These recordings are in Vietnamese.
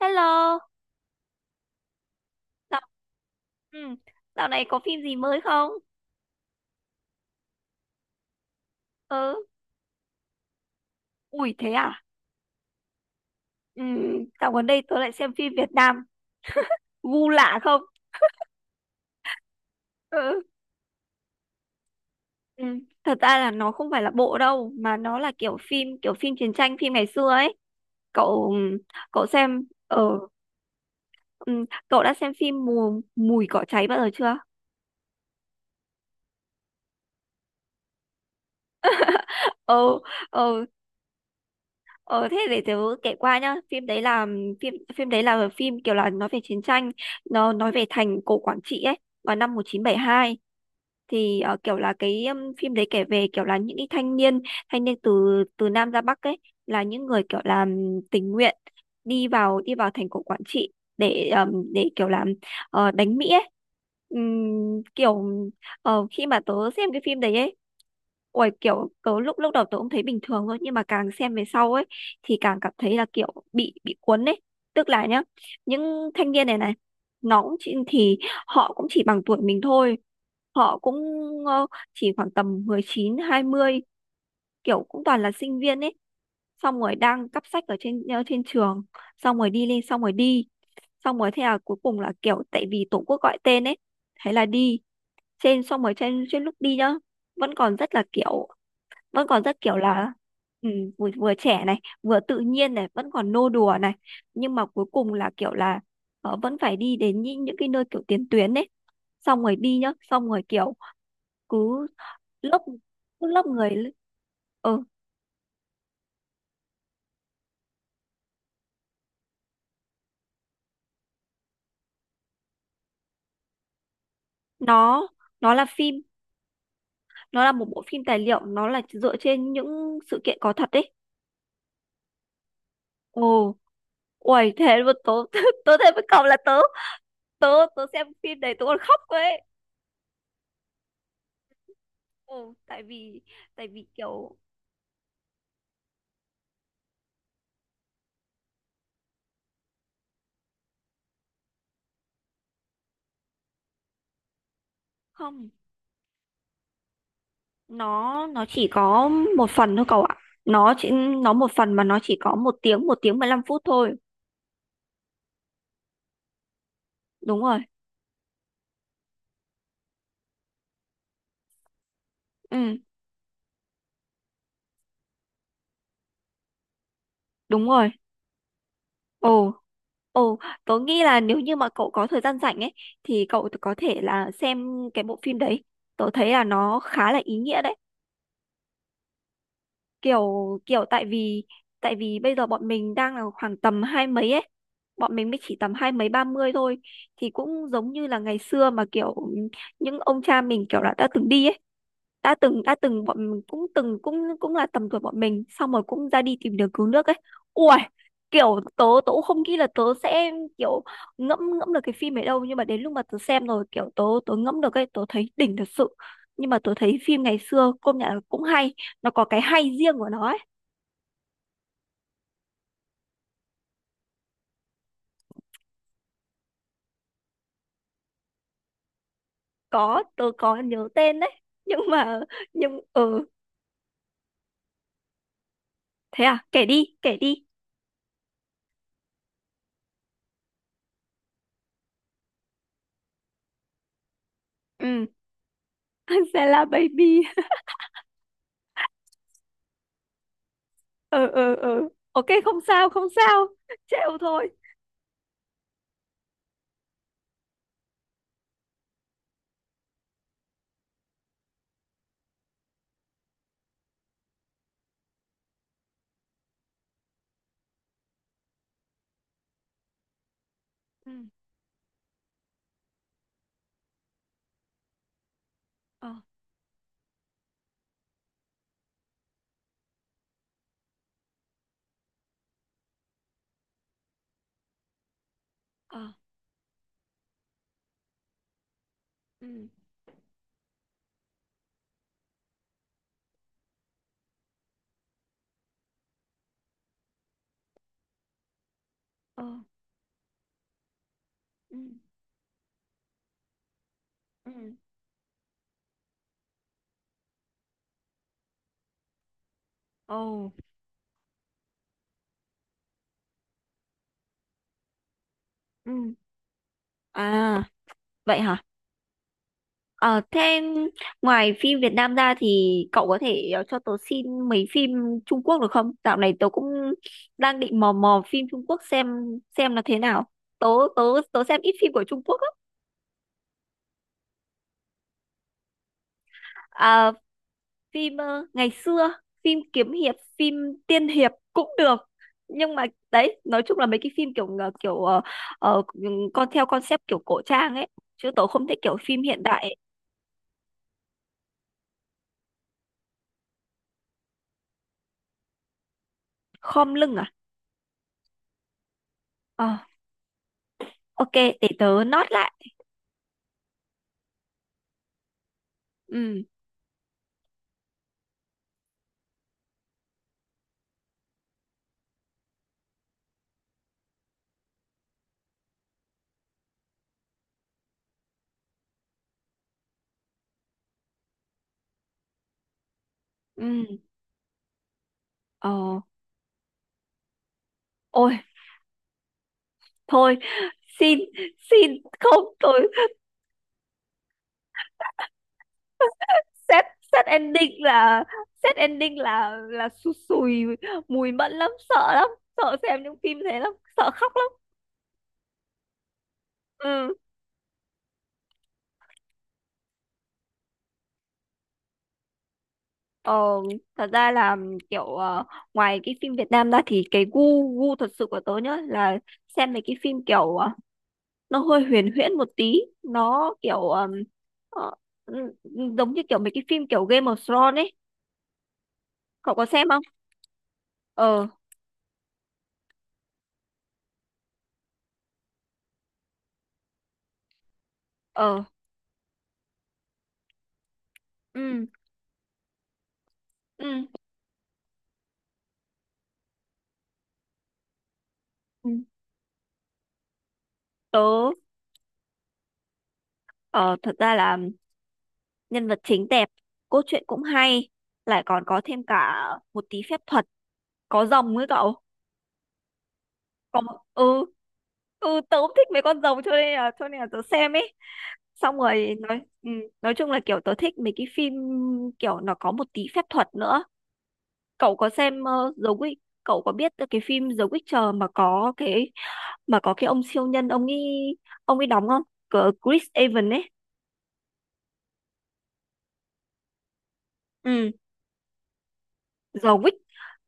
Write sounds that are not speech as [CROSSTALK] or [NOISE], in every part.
Hello, dạo, ừ, dạo này có phim gì mới không? Ừ, ui thế à? Ừ, dạo gần đây tôi lại xem phim Việt Nam, gu lạ không? Ừ, ừ, thật ra là nó không phải là bộ đâu, mà nó là kiểu phim chiến tranh, phim ngày xưa ấy. Cậu, cậu xem, ờ, ừ, Cậu đã xem phim mùi cỏ cháy bao giờ chưa? Ờ, ờ, Ờ thế để tớ kể qua nhá. Phim đấy là phim phim đấy là phim kiểu là nói về chiến tranh, nó nói về thành cổ Quảng Trị ấy, vào năm 1972. Thì kiểu là cái phim đấy kể về kiểu là những cái thanh niên từ từ Nam ra Bắc ấy, là những người kiểu là tình nguyện đi vào thành cổ Quảng Trị để kiểu là đánh Mỹ ấy. Ừm, kiểu Khi mà tớ xem cái phim đấy ấy, ôi kiểu tớ lúc lúc đầu tớ cũng thấy bình thường thôi, nhưng mà càng xem về sau ấy thì càng cảm thấy là kiểu bị cuốn ấy. Tức là nhá, những thanh niên này này nó cũng chỉ, thì họ cũng chỉ bằng tuổi mình thôi. Họ cũng ờ, chỉ khoảng tầm 19 20, kiểu cũng toàn là sinh viên ấy, xong rồi đang cắp sách ở trên trên trường, xong rồi đi lên, xong rồi đi, xong rồi thế là cuối cùng là kiểu tại vì tổ quốc gọi tên ấy, thế là đi. Trên xong rồi trên Trên lúc đi nhá, vẫn còn rất là kiểu vẫn còn rất kiểu là ừ, vừa trẻ này, vừa tự nhiên này, vẫn còn nô đùa này, nhưng mà cuối cùng là vẫn phải đi đến những cái nơi kiểu tiền tuyến ấy, xong rồi đi nhá, xong rồi kiểu cứ lớp lớp người ừ, nó là phim, nó là một bộ phim tài liệu, nó là dựa trên những sự kiện có thật ấy. Ồ, uầy thế mà tớ [LAUGHS] tớ thấy với cậu là tớ tớ tớ xem phim đấy tớ còn khóc cơ ấy. Ồ, tại vì kiểu không, nó chỉ có một phần thôi cậu ạ. Nó chỉ, nó một phần, mà nó chỉ có 1 tiếng 15 phút thôi. Đúng rồi. Ừ đúng rồi. Ồ, Ồ, tớ nghĩ là nếu như mà cậu có thời gian rảnh ấy thì cậu có thể là xem cái bộ phim đấy. Tớ thấy là nó khá là ý nghĩa đấy. Kiểu kiểu tại vì Tại vì bây giờ bọn mình đang là khoảng tầm hai mấy ấy. Bọn mình mới chỉ tầm hai mấy 30 thôi, thì cũng giống như là ngày xưa mà kiểu những ông cha mình kiểu là đã từng đi ấy, đã từng bọn mình cũng từng cũng cũng là tầm tuổi bọn mình, xong rồi cũng ra đi tìm đường cứu nước ấy. Ui kiểu tớ tớ cũng không nghĩ là tớ sẽ kiểu ngẫm ngẫm được cái phim ấy đâu, nhưng mà đến lúc mà tớ xem rồi kiểu tớ tớ ngẫm được ấy, tớ thấy đỉnh thật sự. Nhưng mà tớ thấy phim ngày xưa công nhận là cũng hay, nó có cái hay riêng của nó ấy. Có, tớ có nhớ tên đấy [LAUGHS] nhưng mà ừ, thế à, kể đi. Ừ [LAUGHS] Angela Baby. Ừ, ok, không sao [LAUGHS] trêu thôi. Ừ. ờ ờ ừ ờ ừ ừ ồ ừ À vậy hả? Ờ thế, ngoài phim Việt Nam ra thì cậu có thể cho tớ xin mấy phim Trung Quốc được không? Dạo này tớ cũng đang định mò mò phim Trung Quốc xem là thế nào. Tớ tớ Tớ xem ít phim của Trung Quốc á. Phim ngày xưa, phim tiên hiệp cũng được. Nhưng mà đấy, nói chung là mấy cái phim kiểu ờ, con theo concept kiểu cổ trang ấy, chứ tớ không thích kiểu phim hiện đại ấy. Khom lưng à? Ờ, ok, để tớ note lại. ừ ừ ờ Ôi thôi, xin xin, không tôi set set ending là là sụt sùi mùi mẫn lắm, sợ lắm, sợ xem những phim thế lắm, sợ khóc. Ừ, Ờ, thật ra là kiểu ngoài cái phim Việt Nam ra thì cái gu gu thật sự của tớ nhá là xem mấy cái phim kiểu nó hơi huyền huyễn một tí, nó kiểu ờ, ừ, ừ, giống như kiểu mấy cái phim kiểu Game of Thrones ấy, cậu có xem không? Ờ ờ ừ ừ ừ. Tớ ờ, thật ra là nhân vật chính đẹp, cốt truyện cũng hay, lại còn có thêm cả một tí phép thuật, có rồng ấy cậu. Có, ừ tớ cũng thích mấy con rồng cho nên là tớ xem ấy. Xong rồi nói nói chung là kiểu tớ thích mấy cái phim kiểu nó có một tí phép thuật nữa. Cậu có xem The Witch, cậu có biết cái phim The Witcher mà có cái ông siêu nhân ông ấy, ông ấy đóng không? Cờ Chris Evans ấy. Ừ, The Witch,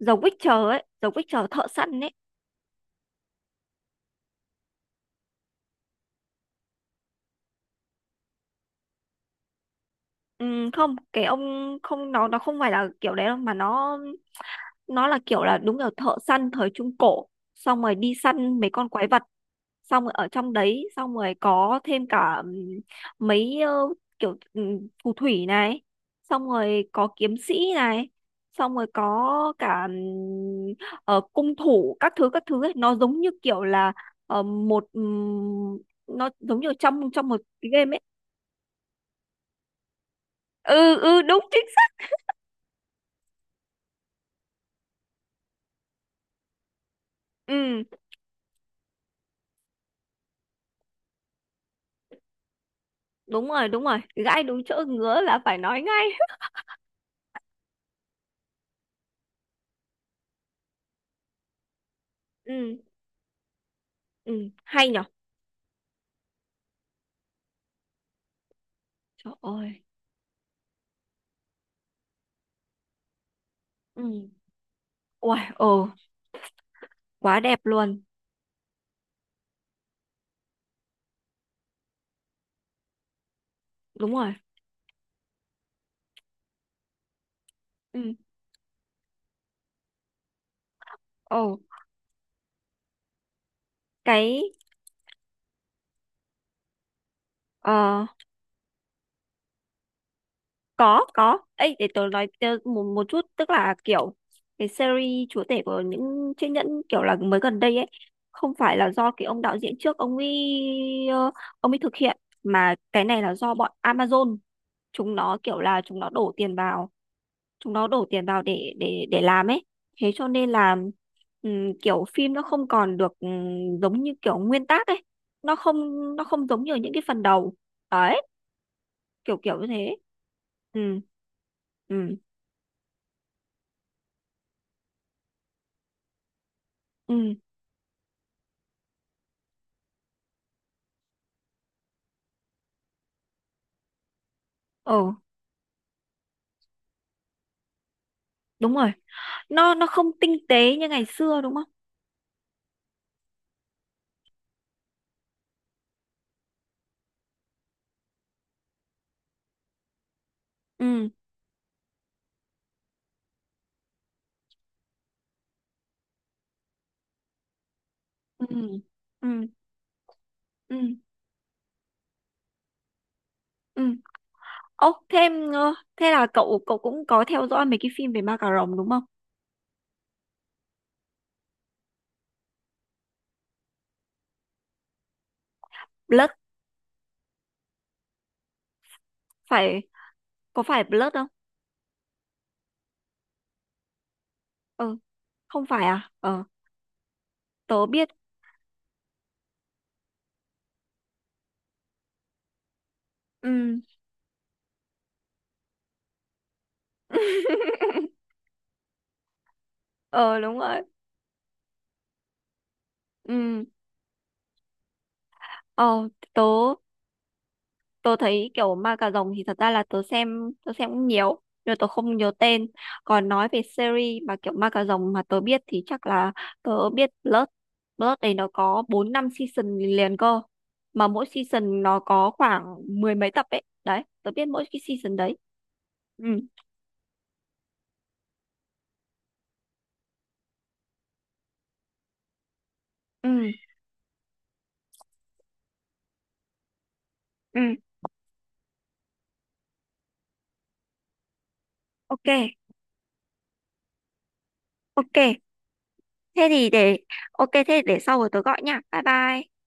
The Witcher ấy, The Witcher thợ săn ấy. ừ, Không cái ông không, nó không phải là kiểu đấy đâu, mà nó là kiểu là đúng kiểu thợ săn thời trung cổ, xong rồi đi săn mấy con quái vật, xong rồi ở trong đấy, xong rồi có thêm cả mấy ờ, kiểu phù thủy này, xong rồi có kiếm sĩ này, xong rồi có cả cung thủ các thứ ấy. Nó giống như kiểu là ờ, một nó giống như trong trong một cái game ấy. Ừ Đúng chính xác. ừ Đúng rồi, đúng rồi, gãi đúng chỗ ngứa là phải nói ngay. [LAUGHS] Ừ, ừ hay nhở. Trời ơi. Ừ. Uầy, ồ, quá đẹp luôn. Đúng rồi. Ừ. Ồ, cái ờ có có. Ấy để tớ nói, tớ một một chút tức là kiểu cái series chúa tể của những chiếc nhẫn kiểu là mới gần đây ấy, không phải là do cái ông đạo diễn trước ông ấy ông ấy thực hiện, mà cái này là do bọn Amazon, chúng nó kiểu là chúng nó đổ tiền vào, để làm ấy. Thế cho nên là kiểu phim nó không còn được giống như kiểu nguyên tác ấy. nó không nó không giống như ở những cái phần đầu đấy, kiểu kiểu như thế. ừ ừ ừ ờ đúng rồi, nó không tinh tế như ngày xưa đúng không. ừ ừ ừ ừ ừ Ô thêm, thế là cậu cậu cũng có theo dõi mấy cái phim về ma cà rồng đúng không? Blood, phải, có phải Blood không? ừ Không phải à? Ờ, tớ biết. Ừ [LAUGHS] ờ đúng rồi. Ừ, ờ, tớ tớ thấy kiểu ma cà rồng thì thật ra là tớ xem cũng nhiều nhưng mà tớ không nhớ tên. Còn nói về series mà kiểu ma cà rồng mà tớ biết thì chắc là tớ biết Blood. Blood này nó có bốn năm season liền cơ, mà mỗi season nó có khoảng mười mấy tập ấy. Đấy tớ biết mỗi cái season đấy. ừ ừ ừ ok, ok, thế thì để, ok thế để sau rồi tớ gọi nha, bye bye.